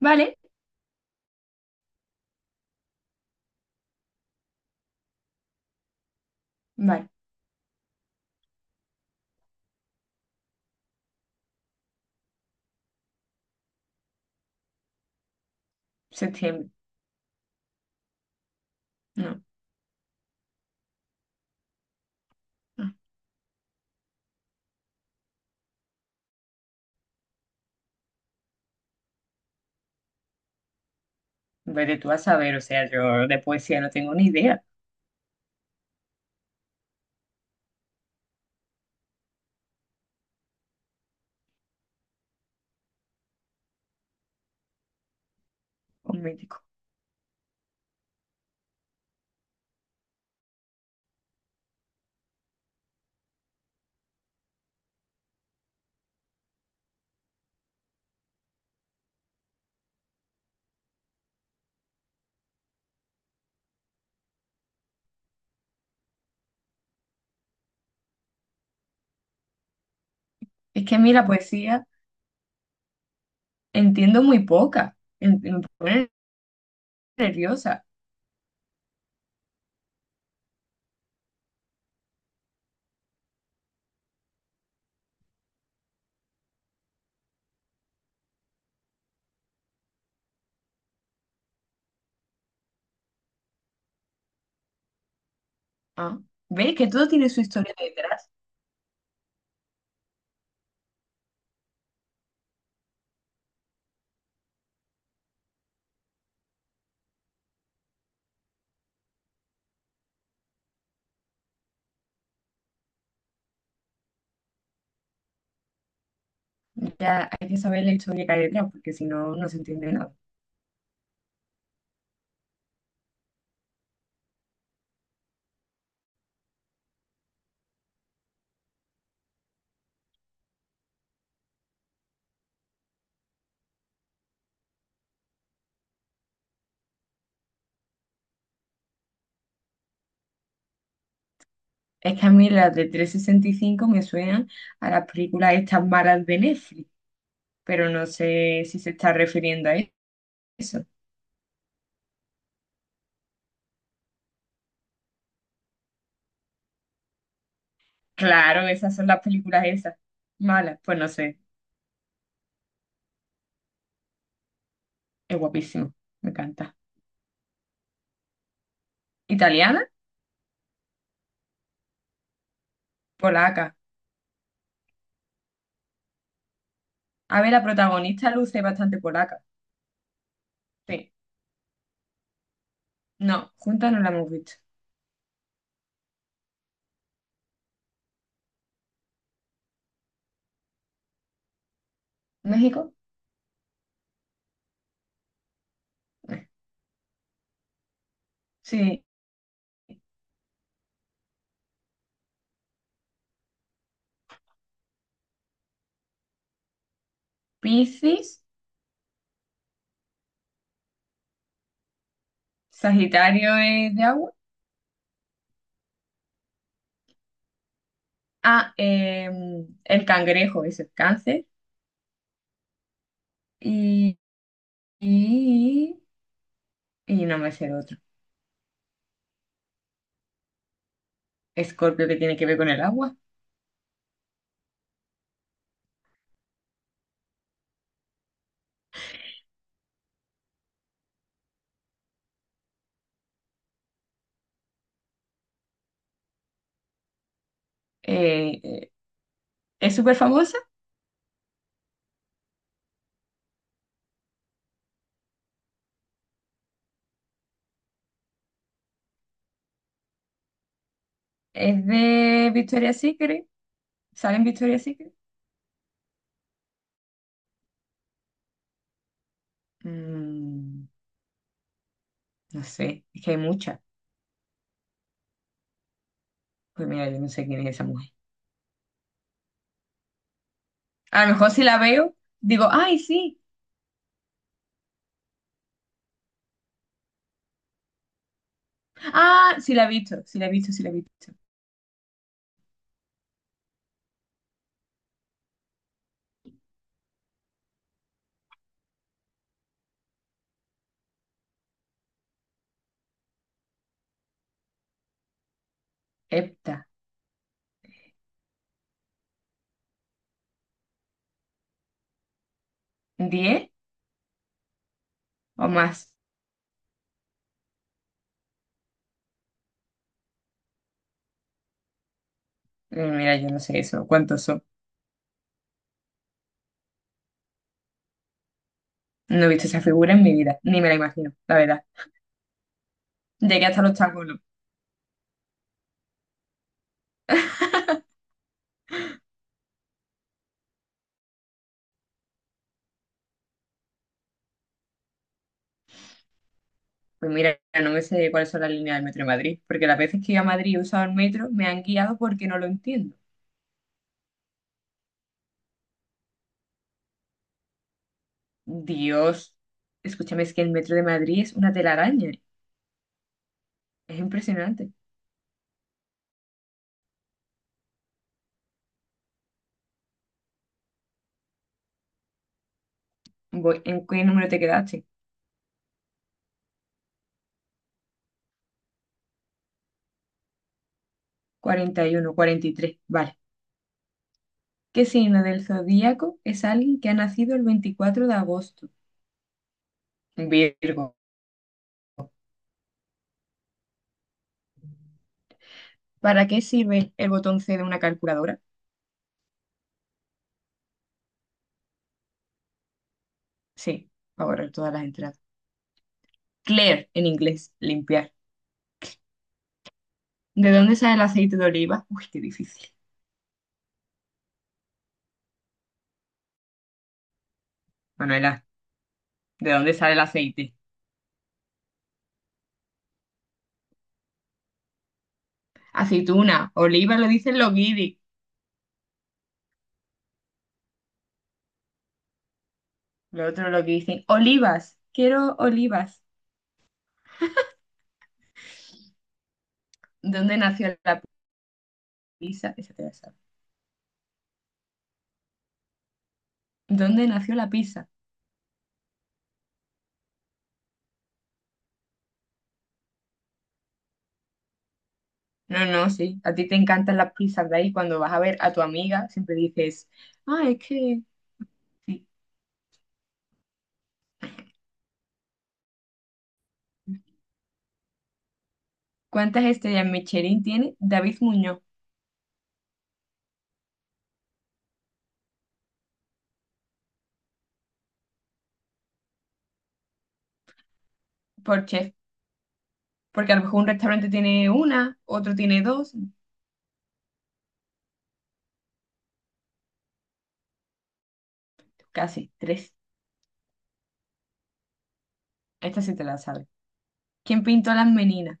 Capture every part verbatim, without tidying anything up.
Vale, vale, septiembre. No, no. Vete tú a saber, o sea, yo de poesía no tengo ni idea. Un mítico. Es que a mí la poesía entiendo muy poca, en- me pone nerviosa. Ah, ¿ves que todo tiene su historia detrás? Ya hay que saber la historia que hay detrás, porque si no, no se entiende nada. Es que a mí las de trescientos sesenta y cinco me suenan a las películas estas malas de Netflix, pero no sé si se está refiriendo a eso. Claro, esas son las películas esas. Malas, pues no sé. Es guapísimo, me encanta. ¿Italiana? Polaca. A ver, la protagonista luce bastante polaca. Sí. No, juntas no la hemos visto. ¿México? Eh, Sí. Piscis, Sagitario es de agua. Ah, eh, el cangrejo es el cáncer. Y, y, y no me sé el otro. Escorpio que tiene que ver con el agua. Eh, eh, es súper famosa. Es de Victoria's Secret. ¿Sale en Victoria's Secret? Mm, no sé, es que hay muchas. Pues mira, yo no sé quién es esa mujer. A lo mejor si la veo, digo, ay, sí. Ah, sí la he visto, sí la he visto, sí la he visto. Epta, ¿diez o más? Mm, Mira, yo no sé eso, ¿cuántos son? No he visto esa figura en mi vida, ni me la imagino, la verdad. Llegué hasta los tacones. Pues mira, no me sé cuáles son las líneas del metro de Madrid, porque las veces que he ido a Madrid y he usado el metro me han guiado porque no lo entiendo. Dios, escúchame, es que el metro de Madrid es una telaraña, es impresionante. Voy, ¿en qué número te quedaste? Cuarenta, cuarenta y uno, cuarenta y tres. Vale. ¿Qué signo del zodíaco es alguien que ha nacido el veinticuatro de agosto? Virgo. ¿Para qué sirve el botón C de una calculadora? Sí, para borrar todas las entradas. Clear, en inglés, limpiar. ¿De dónde sale el aceite de oliva? Uy, qué difícil. Manuela, ¿de dónde sale el aceite? Aceituna, oliva lo dicen los guiris. Lo otro lo que dicen, olivas, quiero olivas. ¿Dónde nació la pizza? Esa te la sabes. ¿Dónde nació la pizza? No, no, sí. A ti te encantan las pizzas de ahí. Cuando vas a ver a tu amiga, siempre dices, ah, es que, sí. ¿Cuántas estrellas Michelin tiene David Muñoz por chef? Porque a lo mejor un restaurante tiene una, otro tiene dos, casi tres. Esta sí te la sabes. ¿Quién pintó las meninas?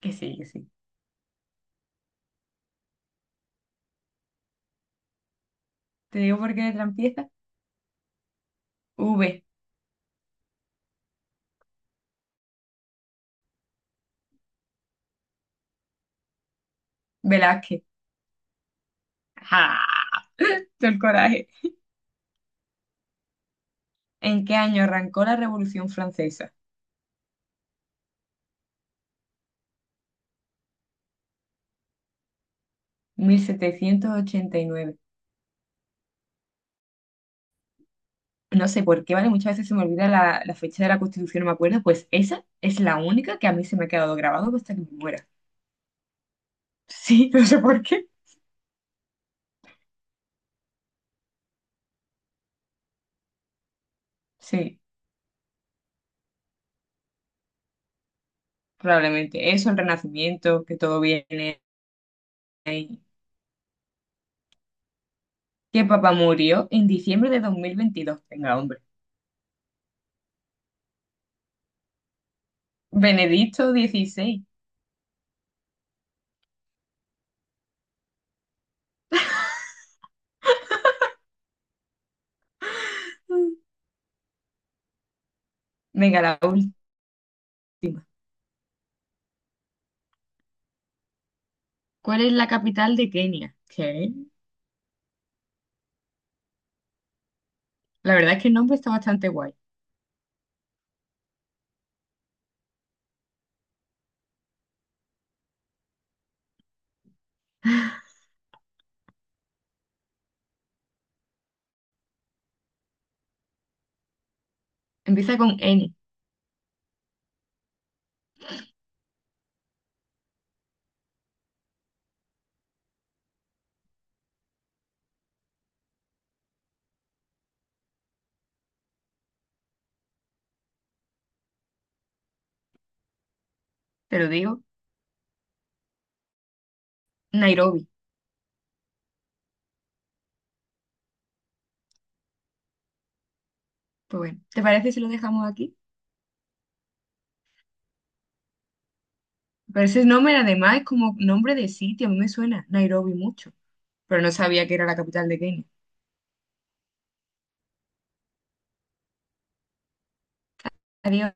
Que sí, que sí. Te digo por qué de trampieza. V. Velázquez. ¡Ja! Todo el coraje. ¿En qué año arrancó la Revolución Francesa? Mil setecientos ochenta y nueve. No sé por qué, ¿vale? Muchas veces se me olvida la, la fecha de la Constitución, no me acuerdo, pues esa es la única que a mí se me ha quedado grabado hasta que me muera. Sí, no sé por qué. Sí, probablemente. Eso, el Renacimiento, que todo viene ahí. Que papá murió en diciembre de dos mil veintidós. Venga, hombre. Benedicto dieciséis. Mm. Venga, la última. ¿Cuál es la capital de Kenia? ¿Qué? La verdad es que el nombre está bastante guay. Empieza con N, te lo digo. Nairobi. Pues bueno, ¿te parece si lo dejamos aquí? Pero ese nombre además es como nombre de sitio, a mí me suena Nairobi mucho, pero no sabía que era la capital de Kenia. Adiós.